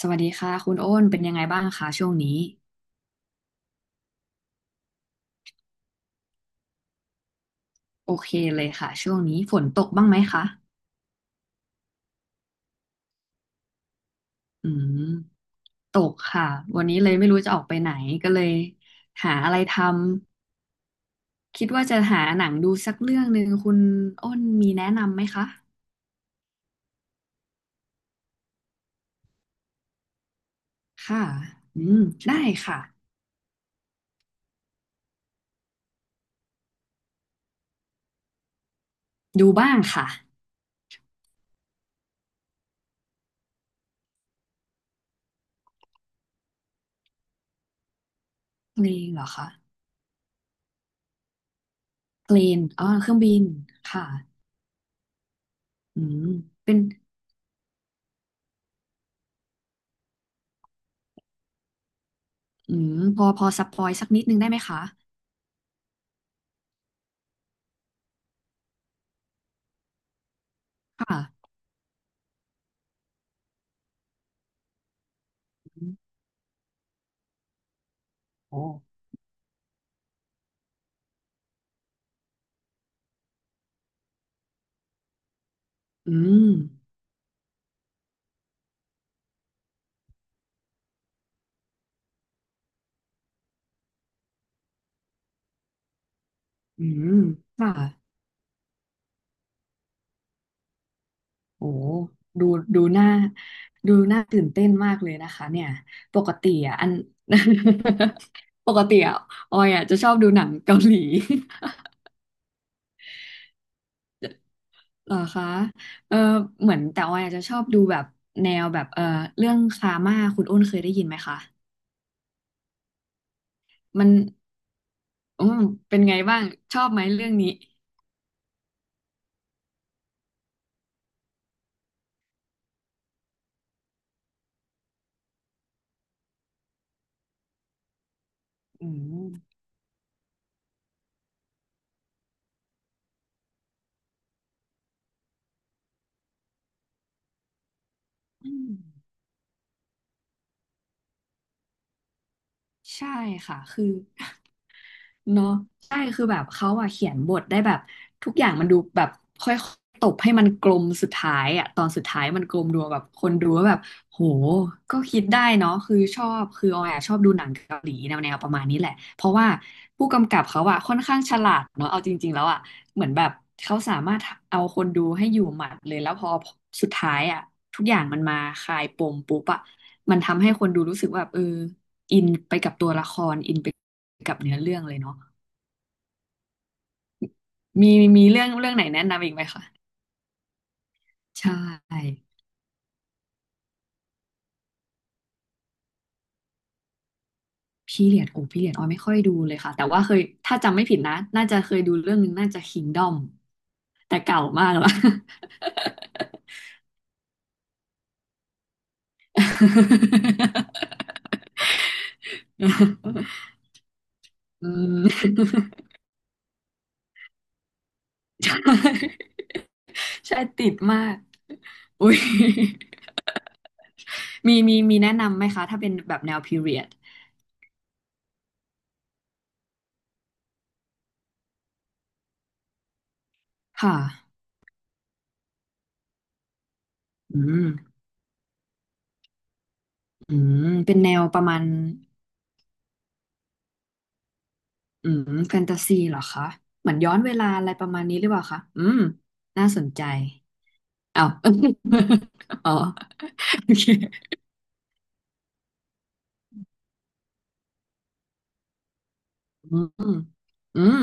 สวัสดีค่ะคุณโอ้นเป็นยังไงบ้างคะช่วงนี้โอเคเลยค่ะช่วงนี้ฝนตกบ้างไหมคะอืมตกค่ะวันนี้เลยไม่รู้จะออกไปไหนก็เลยหาอะไรทำคิดว่าจะหาหนังดูสักเรื่องหนึ่งคุณโอ้นมีแนะนำไหมคะค่ะอืมได้ค่ะดูบ้างค่ะเพลงเหรอคะเพลนอ๋อเครื่องบินค่ะอืมเป็นอืมพอพอสปอยสักนิดนึงได้ไหมคะค่ะโอ้อืม อืมค่ะโอ้ดูดูหน้าดูหน้าตื่นเต้นมากเลยนะคะเนี่ยปกติอ่ะอัน ปกติอ่ะออยอ่ะจะชอบดูหนังเกาหลี เหรอคะเออเหมือนแต่ออยอาจจะชอบดูแบบแนวแบบเรื่องคาม่าคุณอ้นเคยได้ยินไหมคะมันอืมเป็นไงบ้างชอบไหมเรื่องนี้อืมอืมใช่ค่ะคือ เนาะใช่คือแบบเขาอะเขียนบทได้แบบทุกอย่างมันดูแบบค่อยๆตบให้มันกลมสุดท้ายอะตอนสุดท้ายมันกลมดูแบบคนดูว่าแบบโหก็คิดได้เนาะคือชอบคือออยอะชอบดูหนังเกาหลีแนวประมาณนี้แหละเพราะว่าผู้กำกับเขาอะค่อนข้างฉลาดเนาะเอาจริงๆแล้วอะเหมือนแบบเขาสามารถเอาคนดูให้อยู่หมัดเลยแล้วพอสุดท้ายอะทุกอย่างมันมาคลายปมปุ๊บอะมันทำให้คนดูรู้สึกว่าแบบเออ อินไปกับตัวละครอินไปกับเนื้อเรื่องเลยเนาะมีมีเรื่องไหนแนะนำอีกไหมคะใช่พี่เลียดโอ้พี่เลียดออยไม่ค่อยดูเลยค่ะแต่ว่าเคยถ้าจำไม่ผิดนะน่าจะเคยดูเรื่องหนึงน่าจะ Kingdom แต่เก่ามากแล้ว อืม ใช่ติดมากอุ้ยมีแนะนำไหมคะถ้าเป็นแบบแนวพีเรียดค่ะอืมอืมเป็นแนวประมาณ อืมแฟนตาซีเหรอคะเหมือนย้อนเวลาอะไรประมาณนี้หรือเปล่าคะอืมน่าสนใจเอา อ๋อโอเคอืมอืม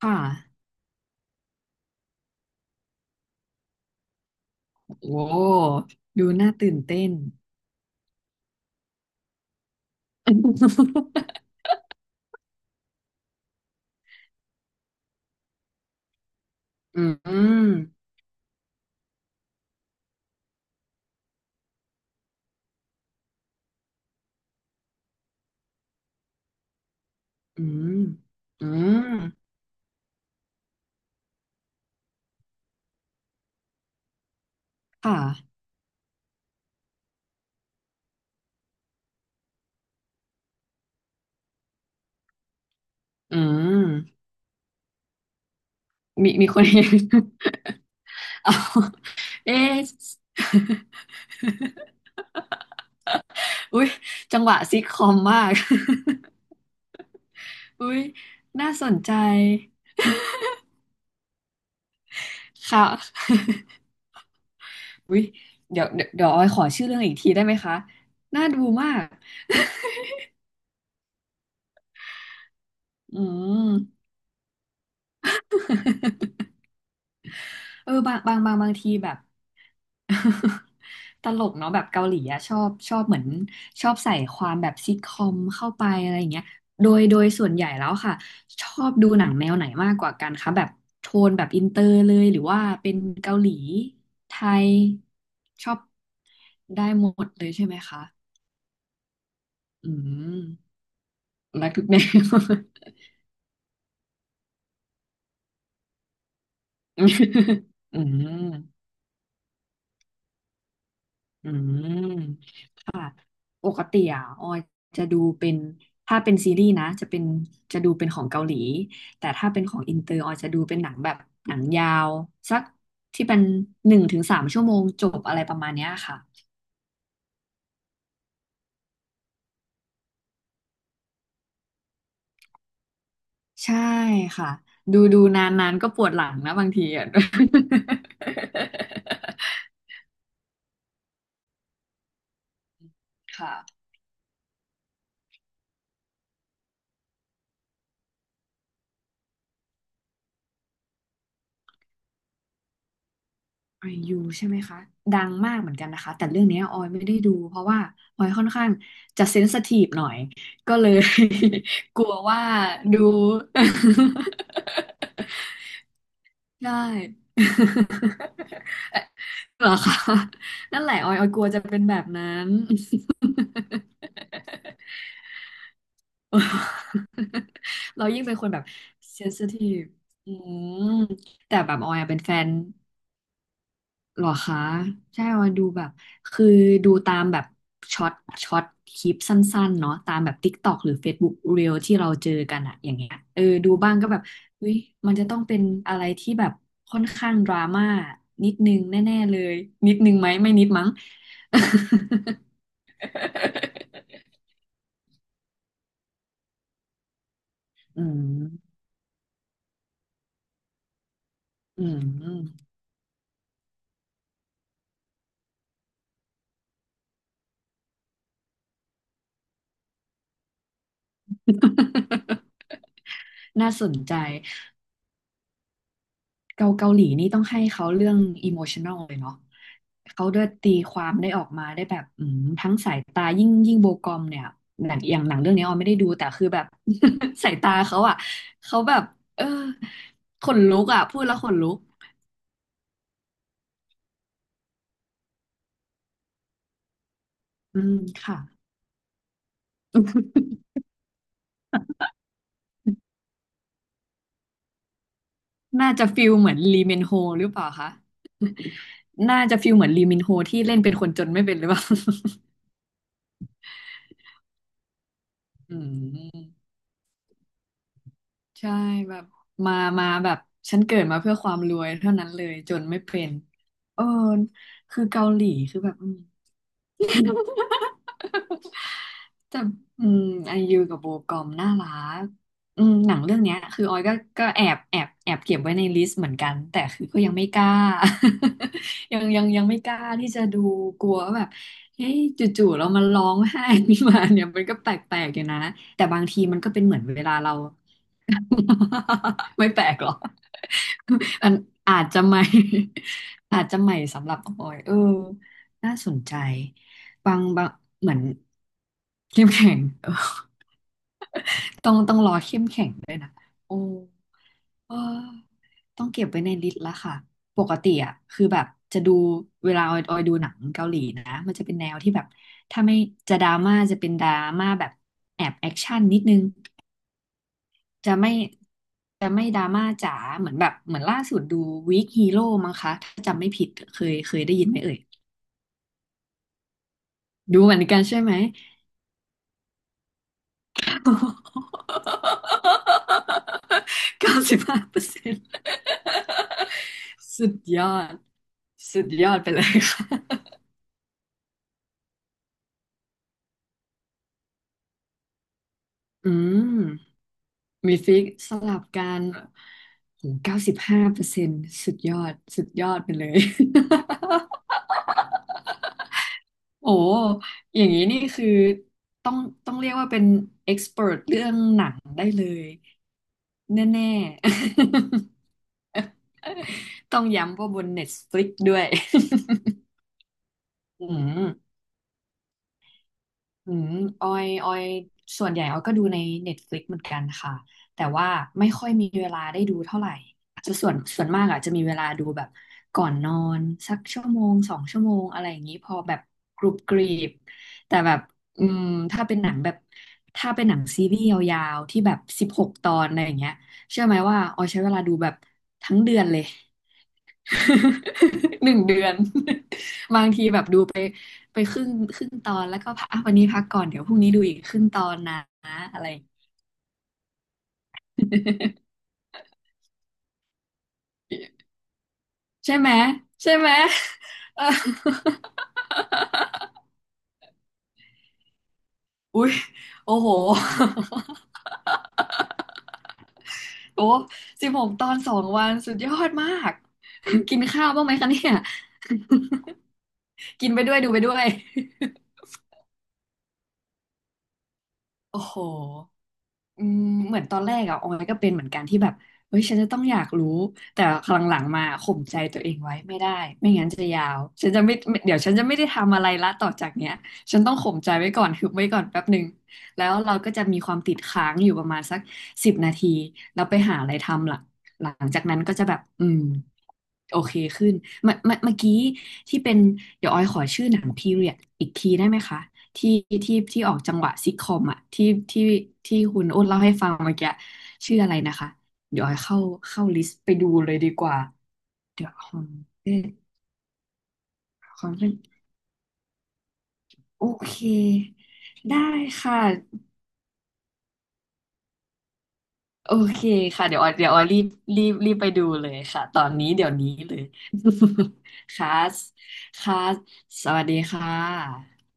ค่ะโอ้ดูน่าตื่นเต้น อืมอืมอืมค่ะอืมคน เห็น เอาเอ๊ะ อุ้ยจังหวะซิทคอมมาก อุ้ยน่าสนใจ ค่ะ อุ้ยเดี๋ยวออยขอชื่อเรื่องอีกทีได้ไหมคะ น่าดูมาก อืม เออ บางทีแบบ ตลกเนาะแบบเกาหลีอะชอบเหมือน ชอบใส่ความแบบซิทคอมเข้าไป อะไรอย่างเงี้ยโดยส่วนใหญ่แล้วค่ะ ชอบดูหนังแนวไหนมากกว่ากันคะ แบบ โทนแบบอินเตอร์เลย หรือว่าเป็นเกาหลีไทยชอบได้หมดเลยใช่ไหมคะ อืมรักทุกแนว อืมอืมค่ะปกติอ่ะออยจะดูเป็นถ้าเป็นซีรีส์นะจะเป็นจะดูเป็นของเกาหลีแต่ถ้าเป็นของอินเตอร์ออยจะดูเป็นหนังแบบหนังยาวสักที่เป็น1 ถึง 3 ชั่วโมงจบอะไรประมาณเนี้ยค่ะใช่ค่ะ ดูนานๆก็ปวดหลังนะบางทีอ่ะ ค่ะ ไอยูใช่ไหมคะดังมากเหมือนกันนะคะแต่เรื่องเนี้ยออยไม่ได้ดูเพราะว่าออยค่อนข้างจะเซนซิทีฟหน่อยก็เลย กลัวว่าดู ใช่ เหรอคะนั่นแหละออยกลัวจะเป็นแบบนั้น เรายิ่งเป็นคนแบบเซนซิทีฟอืมแต่แบบออยอะเป็นแฟน เหรอคะใช่ว่าดูแบบคือดูตามแบบช็อตช็อตคลิปสั้นๆเนาะตามแบบ TikTok หรือ Facebook Reel ที่เราเจอกันอะอย่างเงี้ยเออดูบ้างก็แบบเฮ้ยมันจะต้องเป็นอะไรที่แบบค่อนข้างดราม่านิดนึงแน่ๆเลยนิดนึงไหมไม่นิดมั้ง อืมอืม น่าสนใจ เกาหลีนี่ต้องให้เขาเรื่องอิโมชัน a ลเลยเนาะเขาได้ตีความออกมาได้แบบอืมทั้งสายตายิ่งโบกอมเนี่ยหนังอย่างหนังเรื่องนี้ออมไม่ได้ดูแต่คือแบบ สายตาเขาอ่ะเขาแบบเออขนลุกอ่ะพูดแล้วขนลุกอืมค่ะ น่าจะฟิลเหมือนลีเมนโฮหรือเปล่าคะน่าจะฟิลเหมือนลีมินโฮที่เล่นเป็นคนจนไม่เป็นหรือเปล่า อืม ใช่แบบมาแบบฉันเกิดมาเพื่อความรวยเท่านั้นเลยจนไม่เป็นเออคือเกาหลีคือแบบอืมแต่อืมไอยูกับโบกอมน่ารักอืมหนังเรื่องเนี้ยคือออยก็ก็แอบเก็บไว้ในลิสต์เหมือนกันแต่คือก็ยังไม่กล้า ยังไม่กล้าที่จะดูกลัวว่าแบบเฮ้ยจู่ๆเรามาร้องไห้ขึ้นมาเนี่ยมันก็แปลกๆอยู่นะแต่บางทีมันก็เป็นเหมือนเวลาเรา ไม่แปลกหรอก อันอาจจะใหม่ อาจจะใหม่สำหรับออยเออน่าสนใจบางเหมือนเข้มแข็ง เออต้องรอเข้มแข็งโอ้เออต้องเก็บไว้ในลิสต์ละค่ะปกติอ่ะคือแบบจะดูเวลาออยดูหนังเกาหลีนะมันจะเป็นแนวที่แบบถ้าไม่จะดราม่าจะเป็นดราม่าแบบแอบแอคชั่นนิดนึง จะไม่จะไม่ดราม่าจ๋าเหมือนแบบเหมือนล่าสุดดูวีคฮีโร่มั้งคะถ้าจำไม่ผิดเคยได้ยินไหมเอ่ยดูเหมือนกันใช่ไหม เก้าสิบห้าเปอร์เซ็นต์สุดยอดสุดยอดไปเลยค่ะอืมมีฟิกสลับกันโหเก้าสิบห้าเปอร์เซ็นต์สุดยอดสุดยอดไปเลย โอ้อย่างนี้นี่คือต้องต้องเรียกว่าเป็นเอ็กซ์เ เรื่องหนังได้เลยแน่ๆ ต้องย้ำว่าบน Netflix ด้วย อืม อืมออยส่วนใหญ่ออยก็ดูใน Netflix เหมือนกันค่ะ แต่ว่าไม่ค่อยมีเวลาได้ดูเท่าไหร่จะส่วนมากอาจจะมีเวลาดูแบบก่อนนอนสักชั่วโมงสองชั่วโมงอะไรอย่างนี้พอแบบกรุบกรีบแต่แบบอืมถ้าเป็นหนังแบบถ้าเป็นหนังซีรีส์ยาวๆที่แบบสิบหกตอนอะไรอย่างเงี้ยเชื่อไหมว่าออยใช้เวลาดูแบบทั้งเดือนเลย 1 เดือน บางทีแบบดูไปครึ่งตอนแล้วก็พักอ่ะวันนี้พักก่อนเดี๋ยวพรุ่งนี้ดูอีกครึ่งตอนนะอะไร ใช่ไหมใช่ไหมเออ อุ๊ยโอ้โห โอ้16 ตอน2 วันสุดยอดมาก กินข้าวบ้างไหมคะเนี่ย กินไปด้วยดูไปด้วย โอ้โห อืมเหมือนตอนแรกอะออยก็เป็นเหมือนกันที่แบบเฮ้ยฉันจะต้องอยากรู้แต่ครั้งหลังมาข่มใจตัวเองไว้ไม่ได้ไม่งั้นจะยาวฉันจะไม่เดี๋ยวฉันจะไม่ได้ทำอะไรละต่อจากเนี้ยฉันต้องข่มใจไว้ก่อนฮึบไว้ก่อนแป๊บหนึ่งแล้วเราก็จะมีความติดค้างอยู่ประมาณสัก10 นาทีแล้วไปหาอะไรทำหลังหลังจากนั้นก็จะแบบอืมโอเคขึ้นเมื่อกี้ที่เป็นเดี๋ยวออยขอชื่อหนังพีเรียดอีกทีได้ไหมคะ ที่ที่ออกจังหวะซิทคอมอ่ะที่ที่คุณอ้นเล่าให้ฟังเมื่อกี้ชื่ออะไรนะคะเดี๋ยวเข้าลิสต์ไปดูเลยดีกว่าเดี๋ยวคอนเล่นต์คอนเล่นต์โอเคได้ค่ะโอเคค่ะเดี๋ยวออยรีบไปดูเลยค่ะตอนนี้เดี๋ยวนี้เลย ค่ะค่ะสวัสดีค่ะ